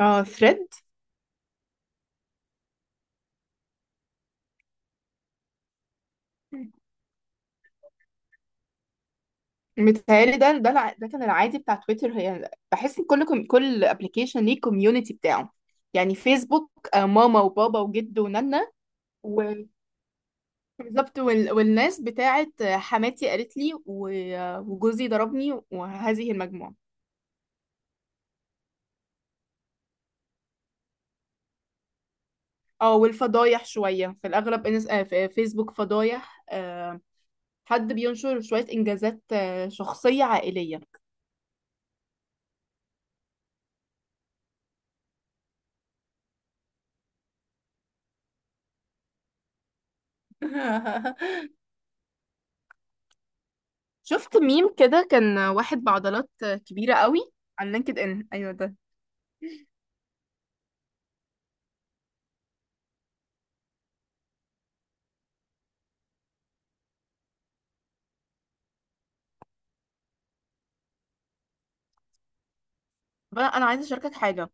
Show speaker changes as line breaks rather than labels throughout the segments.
اه، ثريد. متهيألي ده كان العادي بتاع تويتر. يعني بحس ان كل ابلكيشن ليه كوميونتي بتاعه. يعني فيسبوك، ماما وبابا وجد ونانا، و والناس بتاعت حماتي قالت لي و- آه، وجوزي ضربني وهذه المجموعة. اه، والفضايح شوية في الأغلب إنس... آه، في- آه، فيسبوك فضايح، حد بينشر شوية إنجازات، شخصية عائلية. شفت ميم كده، كان واحد بعضلات كبيرة قوي على لينكد ان، ايوه ده. بقى انا عايزة اشاركك حاجة.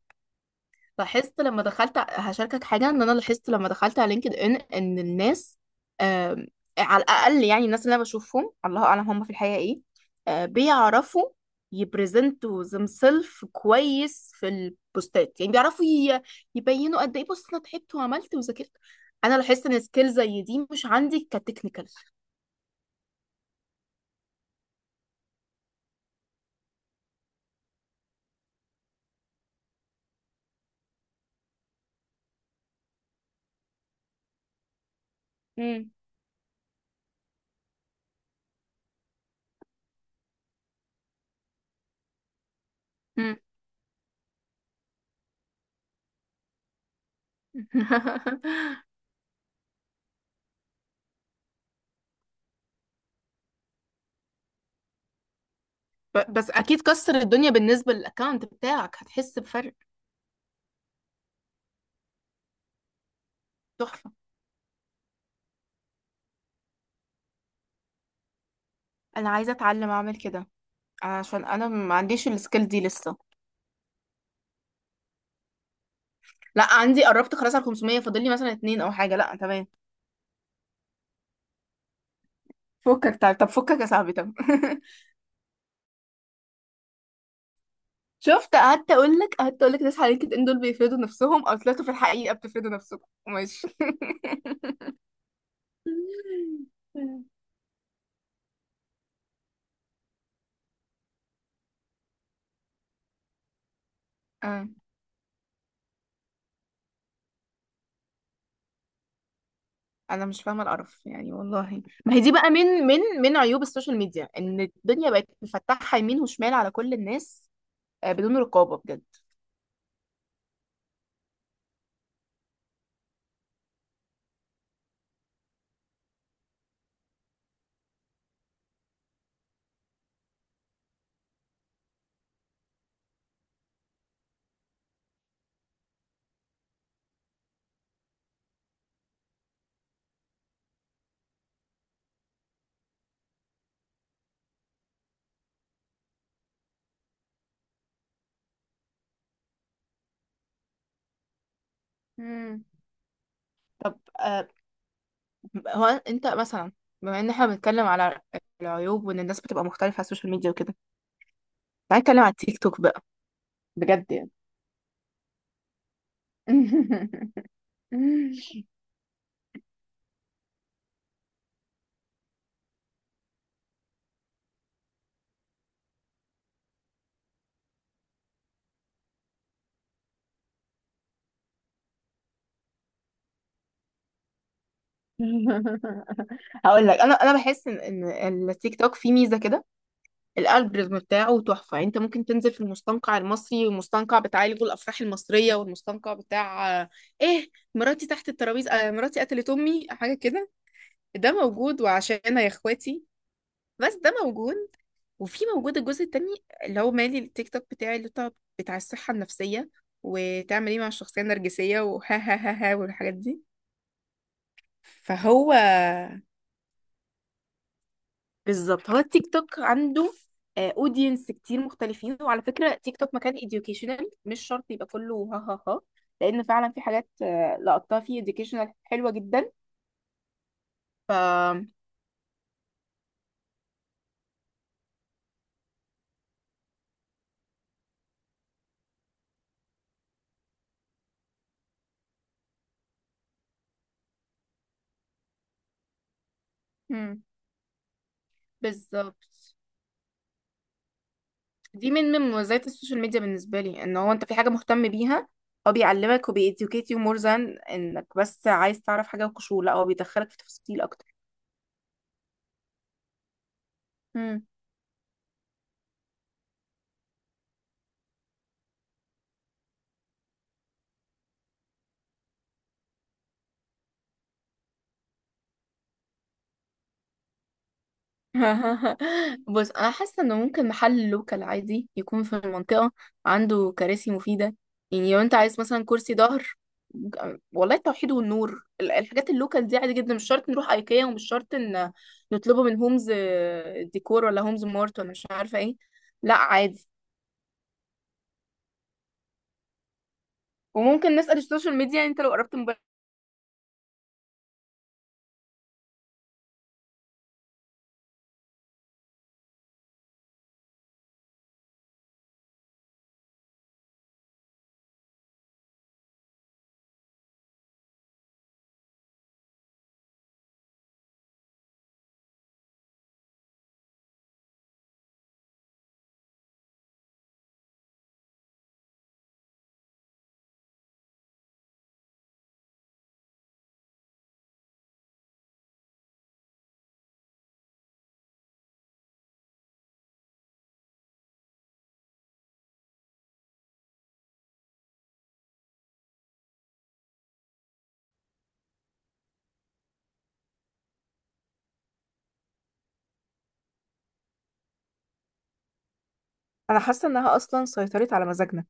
لاحظت لما دخلت ع- هشاركك حاجة، ان انا لاحظت لما دخلت على لينكد ان ان الناس، آم، على الاقل يعني الناس اللي انا بشوفهم، الله اعلم هم في الحقيقة ايه، بيعرفوا يبرزنتوا themselves كويس في البوستات. يعني يبينوا قد ايه، بص انا تعبت وعملت وذاكرت. انا لاحظت ان سكيل زي دي مش عندي، كتكنيكال. امم. بس اكيد كسر الدنيا بالنسبه للاكونت بتاعك، هتحس بفرق. تحفه. انا عايزه اتعلم اعمل كده، عشان انا ما عنديش السكيل دي لسه. لا عندي، قربت خلاص على 500، فاضل لي مثلا اتنين او حاجه، لا تمام. فكك، طب طب فكك يا صاحبي طب. شفت؟ قعدت اقول لك ناس على لينكد ان دول بيفيدوا نفسهم، او طلعتوا في الحقيقه بتفيدوا نفسكم، ماشي. آه. انا مش فاهمه القرف، يعني والله ما هي دي بقى من عيوب السوشيال ميديا، ان الدنيا بقت مفتحه يمين وشمال على كل الناس، بدون رقابه بجد. امم. طب، هو انت مثلا، بما ان احنا بنتكلم على العيوب، وان الناس بتبقى مختلفه على السوشيال ميديا وكده، تعالى نتكلم على التيك توك بقى. بجد يعني. هقول لك، انا بحس ان التيك توك فيه ميزه كده. الالجوريزم بتاعه تحفة. يعني انت ممكن تنزل في المستنقع المصري، والمستنقع بتاع الجو، الافراح المصرية، والمستنقع بتاع ايه، مراتي تحت الترابيزة، مراتي قتلت امي، حاجة كده. ده موجود وعشانها يا اخواتي. بس ده موجود. وفي موجود الجزء التاني، اللي هو مالي التيك توك بتاعي، اللي بتاع الصحة النفسية، وتعمل ايه مع الشخصية النرجسية، وها ها ها ها، والحاجات دي. فهو بالظبط، هو التيك توك عنده اودينس كتير مختلفين. وعلى فكره تيك توك مكان educational، مش شرط يبقى كله ها ها ها، لان فعلا في حاجات، لقطتها فيه educational حلوه جدا. ف مم. بالظبط. دي من مميزات السوشيال ميديا بالنسبه لي، ان هو انت في حاجه مهتم بيها، هو بيعلمك، وبيeducate you more than انك بس عايز تعرف حاجه وقشور. لا، هو بيدخلك في تفاصيل اكتر. بص، انا حاسه انه ممكن محل لوكال عادي يكون في المنطقه عنده كراسي مفيده. يعني لو انت عايز مثلا كرسي ظهر، والله التوحيد والنور، الحاجات اللوكال دي عادي جدا. مش شرط نروح ايكيا، ومش شرط ان نطلبه من هومز ديكور، ولا هومز مارت، ولا مش عارفه ايه. لا عادي. وممكن نسال السوشيال ميديا، يعني انت لو قربت موبايل. انا حاسه انها اصلا سيطرت على مزاجنا.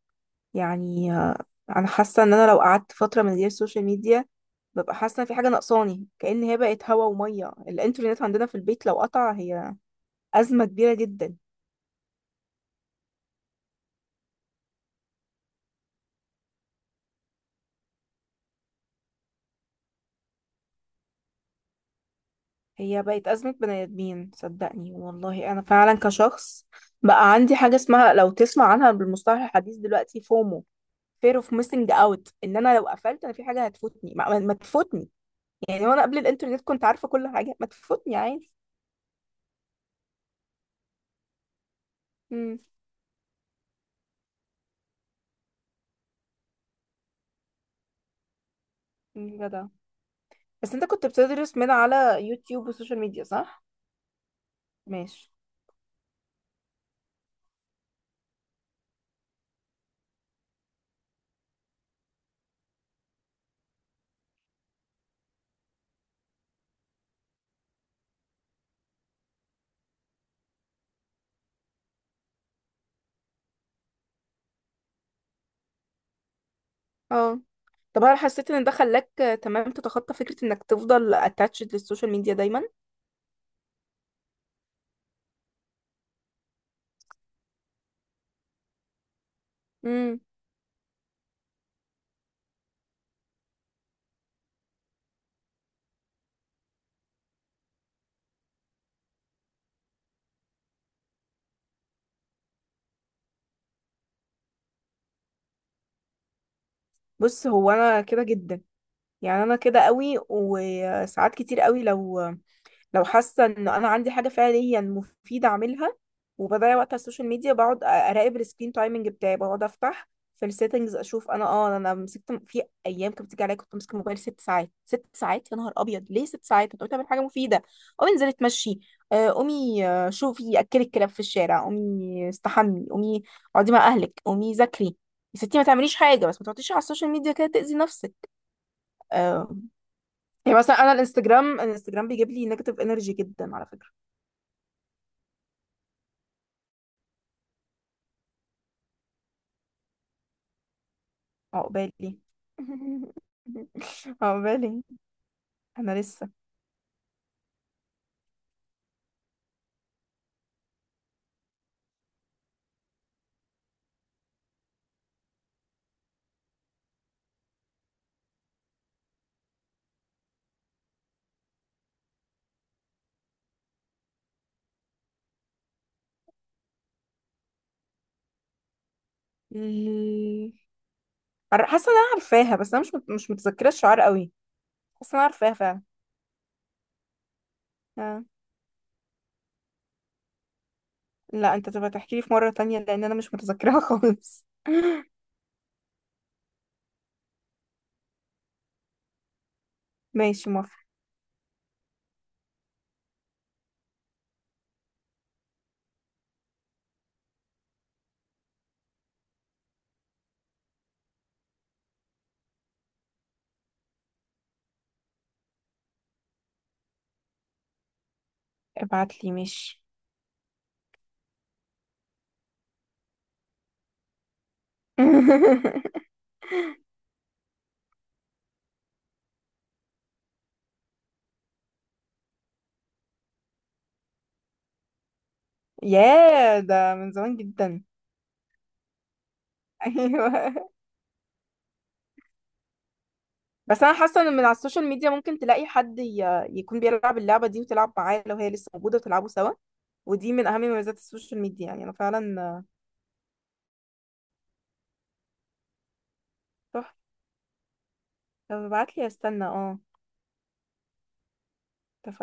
يعني آه، انا حاسه ان انا لو قعدت فتره من غير سوشيال ميديا، ببقى حاسة إن في حاجة ناقصاني. كأن هي بقت هوا ومية. الإنترنت عندنا في البيت لو قطع، هي أزمة كبيرة جدا. هي بقت أزمة بني آدمين، صدقني والله. أنا فعلا كشخص بقى عندي حاجة اسمها، لو تسمع عنها بالمصطلح الحديث دلوقتي، فومو، fear of missing out. ان انا لو قفلت، انا في حاجه هتفوتني ما تفوتني. يعني وانا قبل الانترنت كنت عارفه كل حاجه ما تفوتني، عادي. امم. جدع. بس انت كنت بتدرس من على يوتيوب وسوشيال ميديا، صح؟ ماشي. اه. طب هل حسيت ان ده خلاك، تمام، تتخطى فكرة انك تفضل اتاتشد للسوشيال ميديا دايما؟ امم. بص، هو انا كده جدا. يعني انا كده قوي، وساعات كتير قوي لو، لو حاسة ان انا عندي حاجة فعليا مفيدة اعملها، وبضيع وقت على السوشيال ميديا، بقعد اراقب السكرين تايمنج بتاعي. بقعد افتح في السيتنجز اشوف. انا اه، انا مسكت في ايام كانت بتيجي عليا كنت ماسكه الموبايل ست ساعات. ست ساعات، يا نهار ابيض، ليه ست ساعات؟ انت قلت اعمل حاجه مفيده. قومي انزلي اتمشي، قومي شوفي اكلي الكلاب في الشارع، قومي استحمي، قومي اقعدي مع اهلك، قومي ذاكري. يا ستي ما تعمليش حاجه، بس ما تقعديش على السوشيال ميديا كده تاذي نفسك. آه، يعني مثلا انا الانستجرام، بيجيب لي نيجاتيف انرجي جدا على فكره. عقبالي. عقبالي. انا لسه. ال- حاسه ان انا عارفاها، بس انا مش متذكره الشعار قوي. حاسه ان انا عارفاها فعلا. آه. لا انت تبقى تحكي لي في مره تانية، لان انا مش متذكرها خالص. ماشي، موافقه. ابعت لي، ماشي. ياه، ده من زمان جدا. ايوه. بس انا حاسه ان من على السوشيال ميديا ممكن تلاقي حد يكون بيلعب اللعبه دي، وتلعب معاه لو هي لسه موجوده، وتلعبوا سوا. ودي من اهم مميزات السوشيال ميديا يعني، انا فعلا. تحفه. طب ابعت لي، استنى اه. اتفقنا.